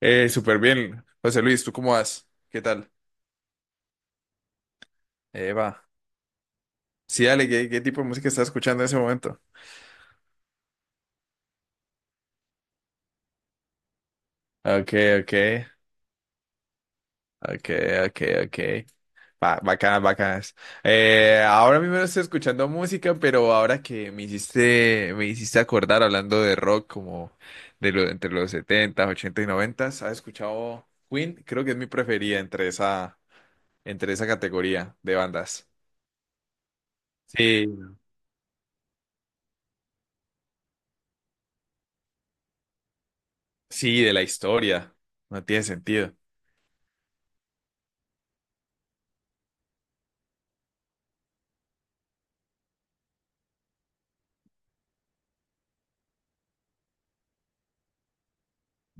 Súper bien. José Luis, ¿tú cómo vas? ¿Qué tal? Eva. Sí, dale, ¿qué tipo de música estás escuchando en ese momento? Ok, ok, ok, ok, ok. Bacanas, bacanas. Ahora mismo no estoy escuchando música, pero ahora que me hiciste acordar hablando de rock como entre los 70s y 90, ¿has escuchado Queen? Creo que es mi preferida entre esa categoría de bandas. Sí. Sí, de la historia. No tiene sentido.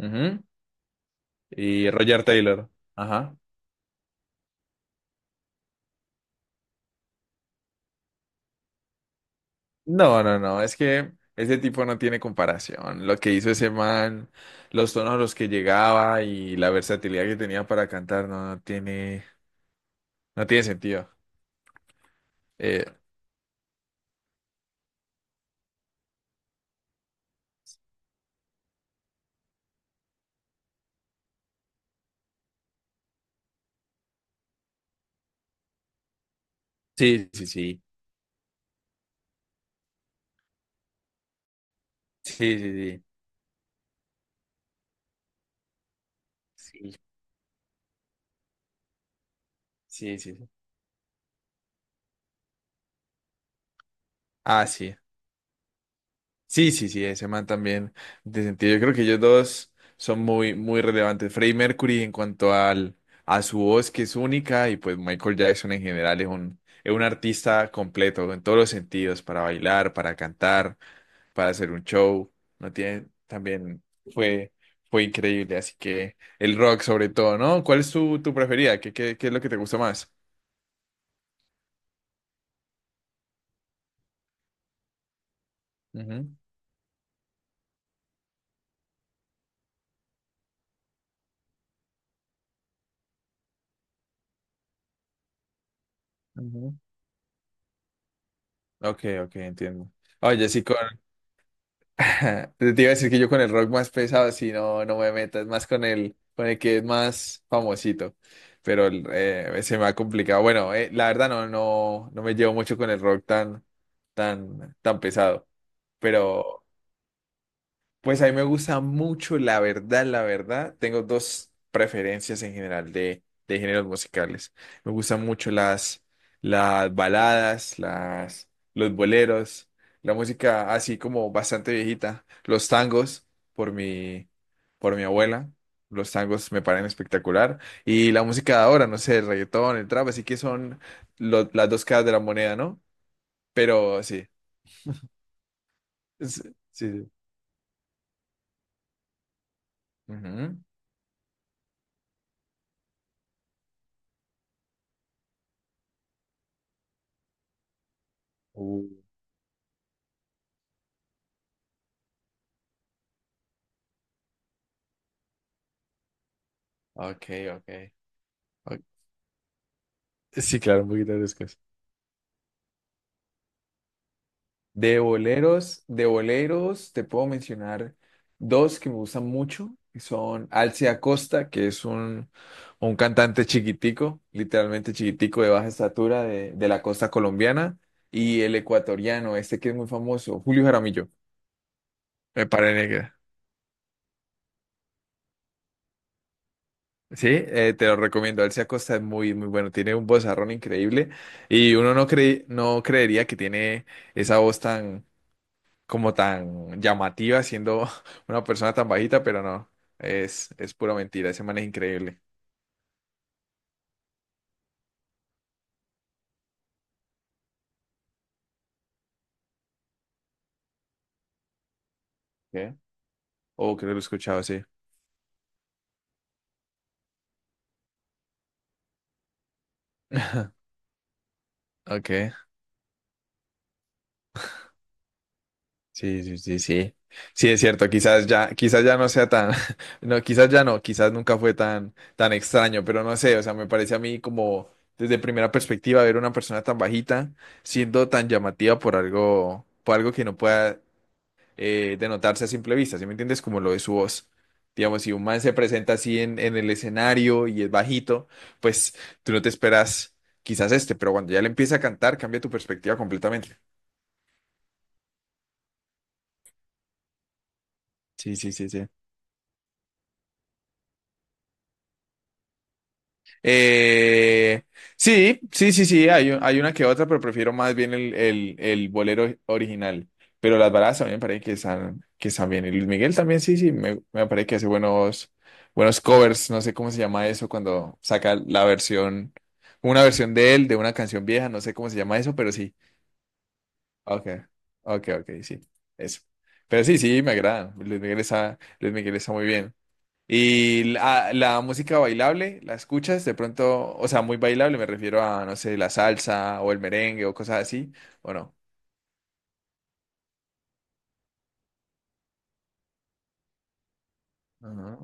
Ujú. Y Roger Taylor. Ajá. No, no, no, es que ese tipo no tiene comparación. Lo que hizo ese man, los tonos a los que llegaba y la versatilidad que tenía para cantar no, no tiene sentido. Eh, sí, sí, sí, sí, sí, sí, sí, sí, sí, sí. Ah, sí. Sí, sí, sí, ese man también de sentido. Yo creo que ellos dos son muy, muy relevantes. Freddie Mercury en cuanto a su voz, que es única, y pues Michael Jackson en general es un, artista completo en todos los sentidos, para bailar, para cantar, para hacer un show. No tiene, también fue, fue increíble. Así que el rock sobre todo, ¿no? ¿Cuál es tu preferida? ¿Qué es lo que te gusta más? Ujú, ujú. Ok, ok, entiendo. Oye, sí, te iba a decir que yo con el rock más pesado, si no, no me meto, es más con el que es más famosito, pero se me ha complicado. Bueno, la verdad no, no, no me llevo mucho con el rock tan, tan, tan pesado, pero, pues a mí me gusta mucho, la verdad, la verdad. Tengo dos preferencias en general de géneros musicales. Me gustan mucho las baladas, los boleros, la música así como bastante viejita, los tangos por mi, por mi abuela. Los tangos me parecen espectacular. Y la música de ahora, no sé, el reggaetón, el trap, así que son las dos caras de la moneda, ¿no? Pero sí. es- Sí, sí. Ujú. Uh, Ok, ok. Ok. Sí, claro, un poquito de descanso. De boleros, te puedo mencionar dos que me gustan mucho, que son Alce Acosta, que es un cantante chiquitico, literalmente chiquitico de baja estatura de la costa colombiana, y el ecuatoriano, este que es muy famoso, Julio Jaramillo. Me parece. Sí, te lo recomiendo. Alcia Acosta es muy, muy bueno. Tiene un vozarrón increíble y uno no cree, no creería que tiene esa voz tan como tan llamativa siendo una persona tan bajita, pero no, es pura mentira, ese man es increíble. ¿Qué? Oh, creo que lo he escuchado, sí. Ok, sí, sí, sí, sí. Sí, es cierto, quizás ya no sea tan, no, quizás ya no, quizás nunca fue tan, tan extraño, pero no sé, o sea, me parece a mí como desde primera perspectiva ver una persona tan bajita siendo tan llamativa por algo que no pueda de notarse a simple vista, ¿sí me entiendes? Como lo de su voz. Digamos, si un man se presenta así en el escenario y es bajito, pues tú no te esperas quizás este, pero cuando ya le empieza a cantar, cambia tu perspectiva completamente. Sí, sí, sí, sí. Eh, sí, sí, sí, sí, hay una que otra, pero prefiero más bien el, bolero original. Pero las baladas también me parece que están bien. Y Luis Miguel también, sí, sí, me parece que hace buenos covers. No sé cómo se llama eso cuando saca la versión, una versión de él, de una canción vieja, no sé cómo se llama eso, pero sí. Ok, ok, ok, sí, eso. Pero sí, sí, me agrada. Luis Miguel está muy bien. Y la música bailable, ¿la escuchas? De pronto, o sea, muy bailable, me refiero a, no sé, la salsa o el merengue o cosas así, ¿o no? Ajá.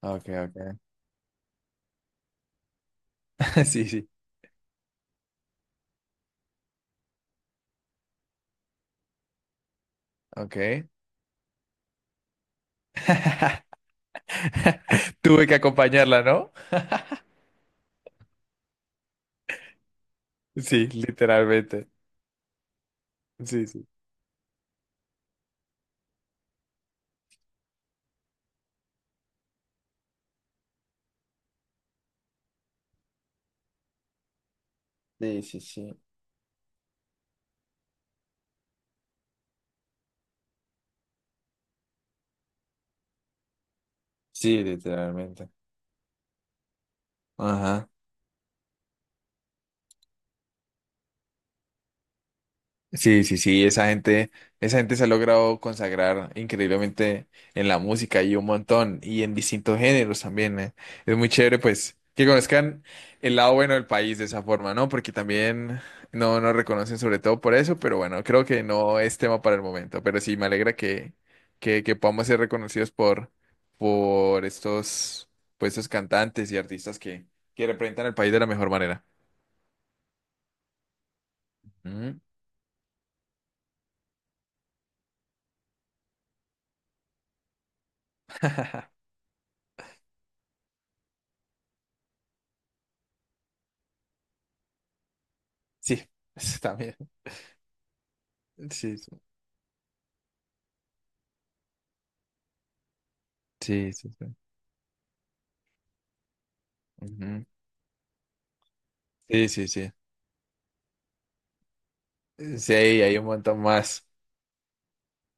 Ok, ok. Sí, sí, ok. Tuve que acompañarla, ¿no? Sí, literalmente. Sí, sí. Sí, sí, sí. Sí, literalmente. Ajá. Sí, sí, sí, esa gente se ha logrado consagrar increíblemente en la música y un montón, y en distintos géneros también. Es muy chévere, pues, que conozcan el lado bueno del país de esa forma, ¿no? Porque también no nos reconocen sobre todo por eso, pero bueno, creo que no es tema para el momento. Pero sí, me alegra que, podamos ser reconocidos por estos, por estos cantantes y artistas que representan el país de la mejor manera. Ujú. Sí, también. Sí, sí. Sí, sí, sí. Ujú. Sí, sí, sí. Sí, hay un montón más.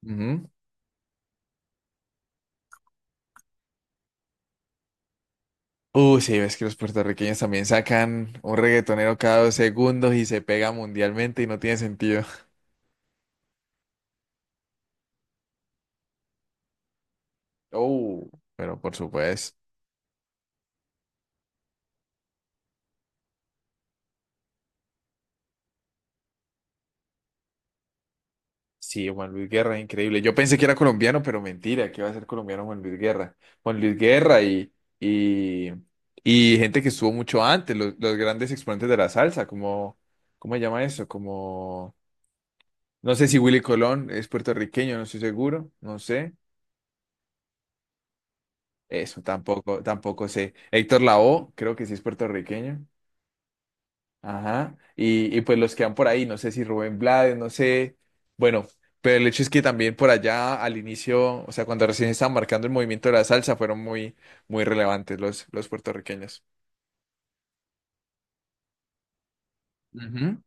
Ujú. Sí, ves que los puertorriqueños también sacan un reggaetonero cada 2 segundos y se pega mundialmente y no tiene sentido. Oh, pero por supuesto. Sí, Juan Luis Guerra, increíble. Yo pensé que era colombiano, pero mentira, que va a ser colombiano Juan Luis Guerra. Juan Luis Guerra y, y, y, gente que estuvo mucho antes, los grandes exponentes de la salsa, ¿cómo se llama eso? Como No sé si Willy Colón es puertorriqueño, no estoy seguro, no sé. Eso tampoco, tampoco sé. Héctor Lavoe, creo que sí es puertorriqueño. Ajá. Y pues los que van por ahí, no sé si Rubén Blades, no sé. Bueno, pero el hecho es que también por allá al inicio, o sea, cuando recién estaban marcando el movimiento de la salsa, fueron muy, muy relevantes los puertorriqueños. Ujú,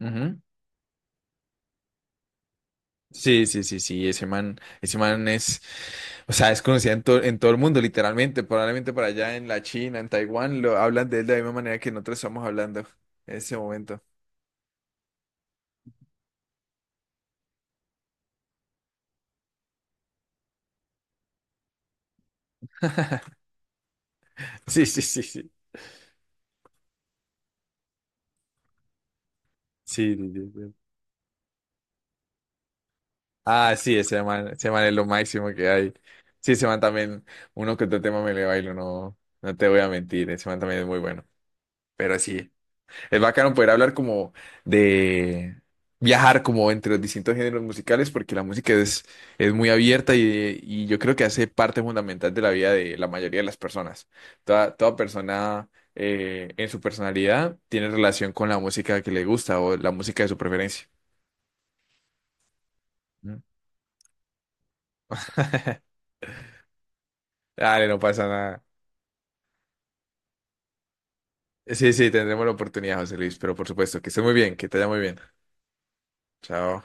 ujú. Sí, sí, sí, sí, ese man o sea, es conocido en todo el mundo, literalmente, probablemente para allá en la China, en Taiwán, lo hablan de él de la misma manera que nosotros estamos hablando en ese momento. Sí, sí, sí, sí, sí, sí, sí, sí. Ah, sí, ese man es lo máximo que hay. Sí, ese man también, uno que otro tema me le bailo, no te voy a mentir, ese man también es muy bueno, pero sí. Es bacano poder hablar como de viajar como entre los distintos géneros musicales porque la música es muy abierta y yo creo que hace parte fundamental de la vida de la mayoría de las personas. Toda persona en su personalidad tiene relación con la música que le gusta o la música de su preferencia. ¿Mm? Dale, no pasa nada. Sí, sí, tendremos la oportunidad, José Luis, pero por supuesto, que esté muy bien, que te vaya muy bien. Chao.